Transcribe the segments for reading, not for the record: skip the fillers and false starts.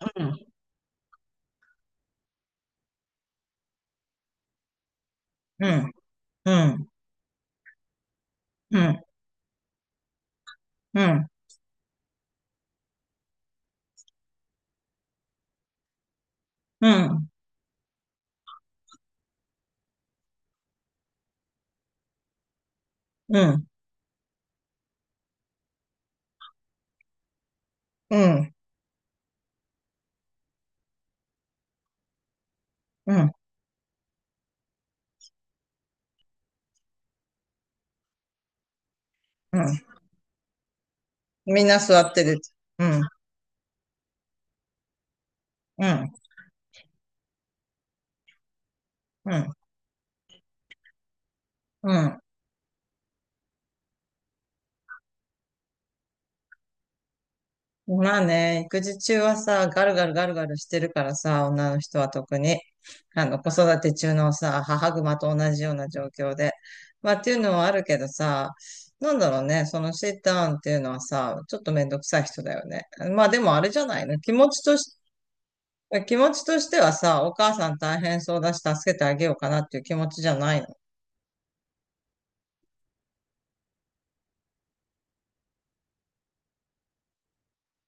うん、うん、うん、うん、うん、うん、うん、うん、うん、うん。みんな座ってる。うん、うん、うん、うん。まあね、育児中はさ、ガルガルガルガルしてるからさ、女の人は特に、子育て中のさ、母熊と同じような状況で。まあっていうのはあるけどさ、なんだろうね、そのシッターンっていうのはさ、ちょっとめんどくさい人だよね。まあでもあれじゃないの、気持ちとしてはさ、お母さん大変そうだし、助けてあげようかなっていう気持ちじゃないの。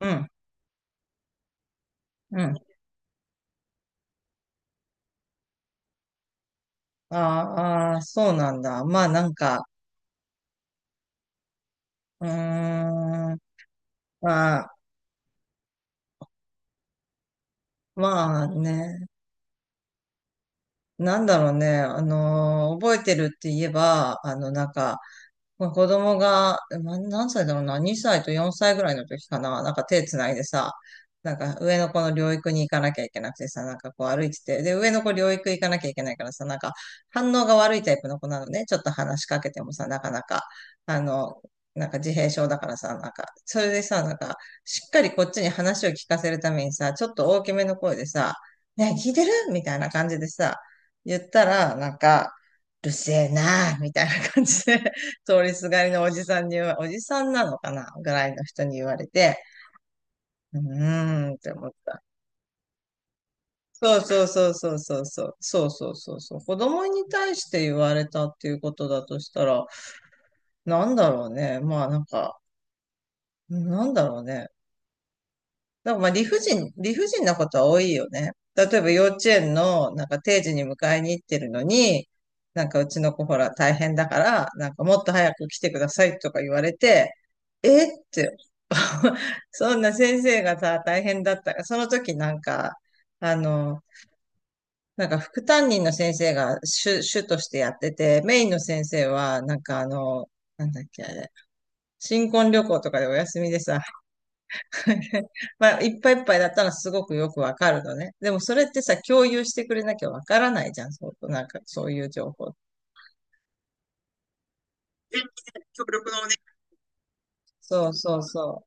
うん、うん。あーあー、そうなんだ。まあなんか、うーん、まあ、まあね、なんだろうね、覚えてるって言えば、あの、なんか、まあ、子供が、何歳だろうな、2歳と4歳ぐらいの時かな、なんか手つないでさ、なんか上の子の療育に行かなきゃいけなくてさ、なんかこう歩いてて、で、上の子療育行かなきゃいけないからさ、なんか反応が悪いタイプの子なのね、ちょっと話しかけてもさ、なかなか、あの、なんか自閉症だからさ、なんか、それでさ、なんか、しっかりこっちに話を聞かせるためにさ、ちょっと大きめの声でさ、ねえ、聞いてるみたいな感じでさ、言ったら、なんか、うるせえなあみたいな感じで通りすがりのおじさんにおじさんなのかなぐらいの人に言われて、うーんって思った。そうそうそうそうそうそう。そうそうそうそう。子供に対して言われたっていうことだとしたら、なんだろうね。まあなんか、なんだろうね。でもまあ理不尽なことは多いよね。例えば幼稚園のなんか定時に迎えに行ってるのに、なんかうちの子ほら大変だから、なんかもっと早く来てくださいとか言われて、えって、そんな先生がさ、大変だったから、その時なんか、あの、なんか副担任の先生が主としてやってて、メインの先生はなんかあの、なんだっけあれ、新婚旅行とかでお休みでさ、まあ、いっぱいいっぱいだったらすごくよくわかるのね。でもそれってさ、共有してくれなきゃわからないじゃん。そう、なんか、そういう情報。協力のね。そうそうそ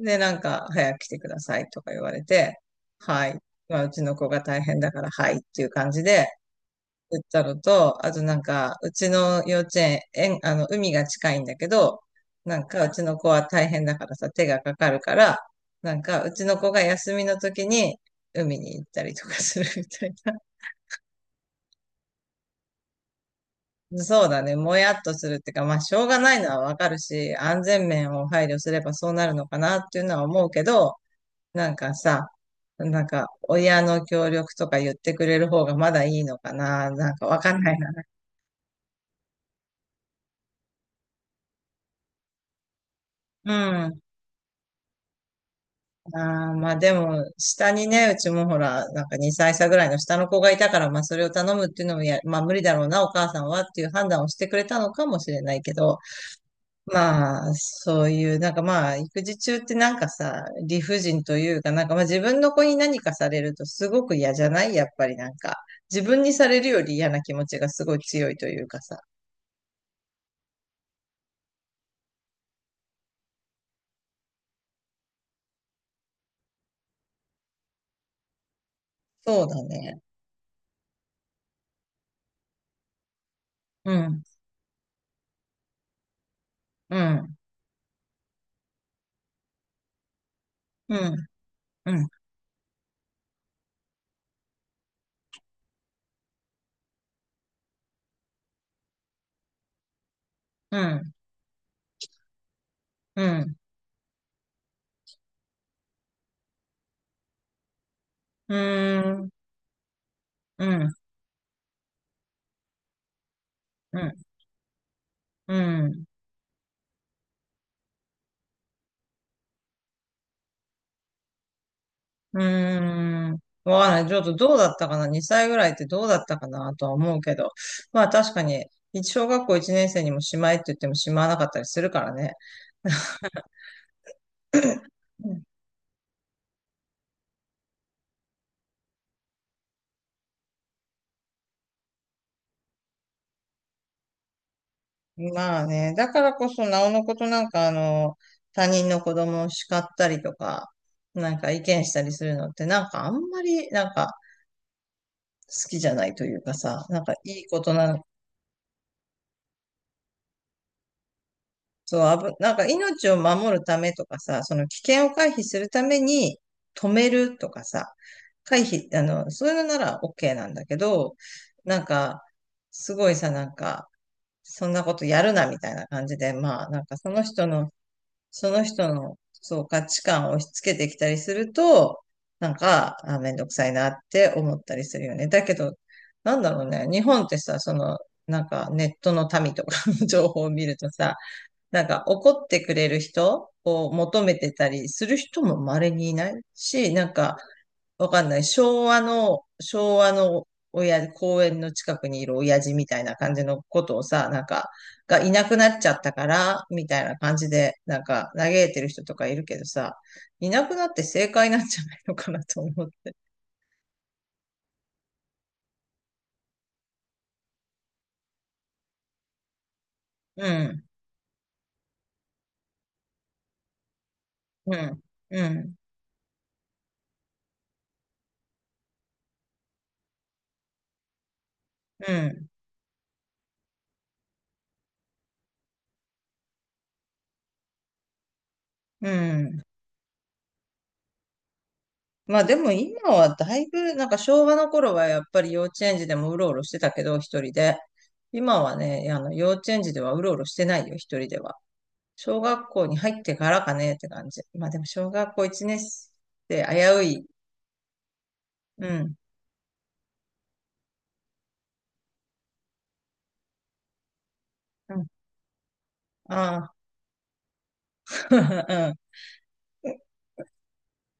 う。で、なんか、早く来てくださいとか言われて、はい。まあ、うちの子が大変だから、はいっていう感じで、言ったのと、あとなんか、うちの幼稚園、海が近いんだけど、なんか、うちの子は大変だからさ、手がかかるから、なんか、うちの子が休みの時に海に行ったりとかするみたいな。そうだね、もやっとするってか、まあ、しょうがないのはわかるし、安全面を配慮すればそうなるのかなっていうのは思うけど、なんかさ、なんか、親の協力とか言ってくれる方がまだいいのかな、なんかわかんないな。うん。ああ、まあでも、下にね、うちもほら、なんか2歳差ぐらいの下の子がいたから、まあそれを頼むっていうのもまあ無理だろうな、お母さんはっていう判断をしてくれたのかもしれないけど、まあ、そういう、なんかまあ、育児中ってなんかさ、理不尽というか、なんかまあ自分の子に何かされるとすごく嫌じゃないやっぱりなんか、自分にされるより嫌な気持ちがすごい強いというかさ。そうだね。うん、うん、うん、うん、うん、うん、うん、うん、うん、うん。うーん。わかんない。ちょっとどうだったかな ?2 歳ぐらいってどうだったかなとは思うけど。まあ確かに、小学校1年生にもしまいって言ってもしまわなかったりするからね。うん。まあね。だからこそ、なおのことなんかあの、他人の子供を叱ったりとか、なんか意見したりするのってなんかあんまりなんか好きじゃないというかさ、なんかいいことなの。そう、なんか命を守るためとかさ、その危険を回避するために止めるとかさ、回避、あの、そういうのなら OK なんだけど、なんか、すごいさ、なんか、そんなことやるなみたいな感じで、まあ、なんかその人の、そう、価値観を押し付けてきたりすると、なんか、あ、めんどくさいなって思ったりするよね。だけど、なんだろうね、日本ってさ、その、なんかネットの民とかの 情報を見るとさ、なんか怒ってくれる人を求めてたりする人も稀にいないし、なんかわかんない。昭和の親、公園の近くにいる親父みたいな感じのことをさ、なんか、がいなくなっちゃったから、みたいな感じで、なんか嘆いてる人とかいるけどさ、いなくなって正解なんじゃないのかなと思う。うん、うん、うん、うん、うん。まあでも今はだいぶ、なんか昭和の頃はやっぱり幼稚園児でもうろうろしてたけど、一人で。今はね、あの幼稚園児ではうろうろしてないよ、一人では。小学校に入ってからかねって感じ。まあでも小学校1年生危うい。うん。うん。ああ。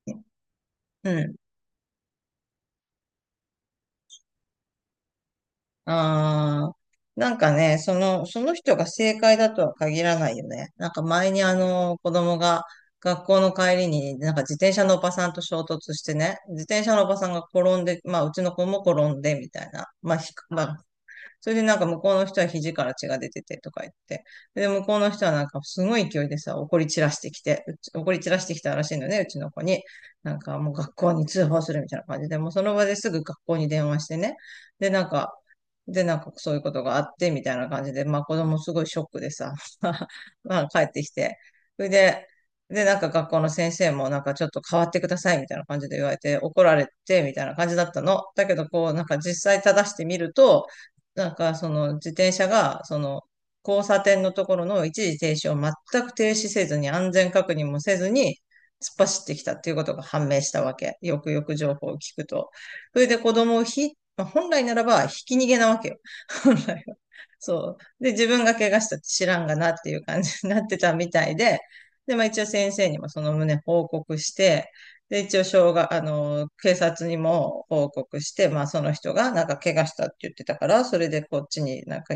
うん。うん。ああ、なんかね、その人が正解だとは限らないよね。なんか前にあの、子供が学校の帰りになんか自転車のおばさんと衝突してね、自転車のおばさんが転んで、まあうちの子も転んでみたいな、まあひく、まあそれでなんか向こうの人は肘から血が出ててとか言って。で、向こうの人はなんかすごい勢いでさ、怒り散らしてきたらしいのね、うちの子に。なんかもう学校に通報するみたいな感じで、もうその場ですぐ学校に電話してね。で、なんか、で、なんかそういうことがあって、みたいな感じで、まあ子供すごいショックでさ、まあ帰ってきて。それで、なんか学校の先生もなんかちょっと変わってくださいみたいな感じで言われて怒られてみたいな感じだったの。だけどこうなんか実際正してみると、なんか、その自転車が、その、交差点のところの一時停止を全く停止せずに、安全確認もせずに、突っ走ってきたっていうことが判明したわけ。よくよく情報を聞くと。それで子供をまあ本来ならば、ひき逃げなわけよ。本来は。そう。で、自分が怪我したって知らんがなっていう感じになってたみたいで、で、まあ一応先生にもその旨報告して、で、一応、障害、あの、警察にも報告して、まあ、その人が、なんか、怪我したって言ってたから、それでこっちになんか、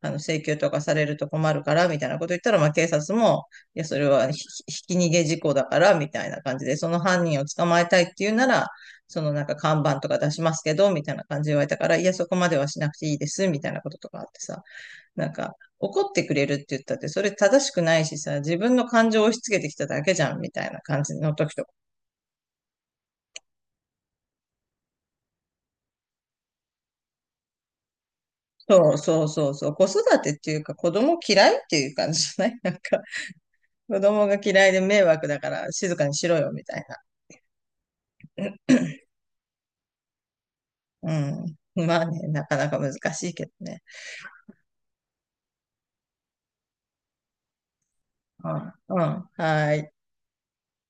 あの、請求とかされると困るから、みたいなこと言ったら、まあ、警察も、いや、それはひき逃げ事故だから、みたいな感じで、その犯人を捕まえたいっていうなら、そのなんか、看板とか出しますけど、みたいな感じで言われたから、いや、そこまではしなくていいです、みたいなこととかあってさ、なんか、怒ってくれるって言ったって、それ正しくないしさ、自分の感情を押し付けてきただけじゃん、みたいな感じの時と。そうそうそうそう。子育てっていうか子供嫌いっていう感じじゃない。 なんか、子供が嫌いで迷惑だから静かにしろよみたいな。うん。まあね、なかなか難しいけどね。うん。うん。はーい。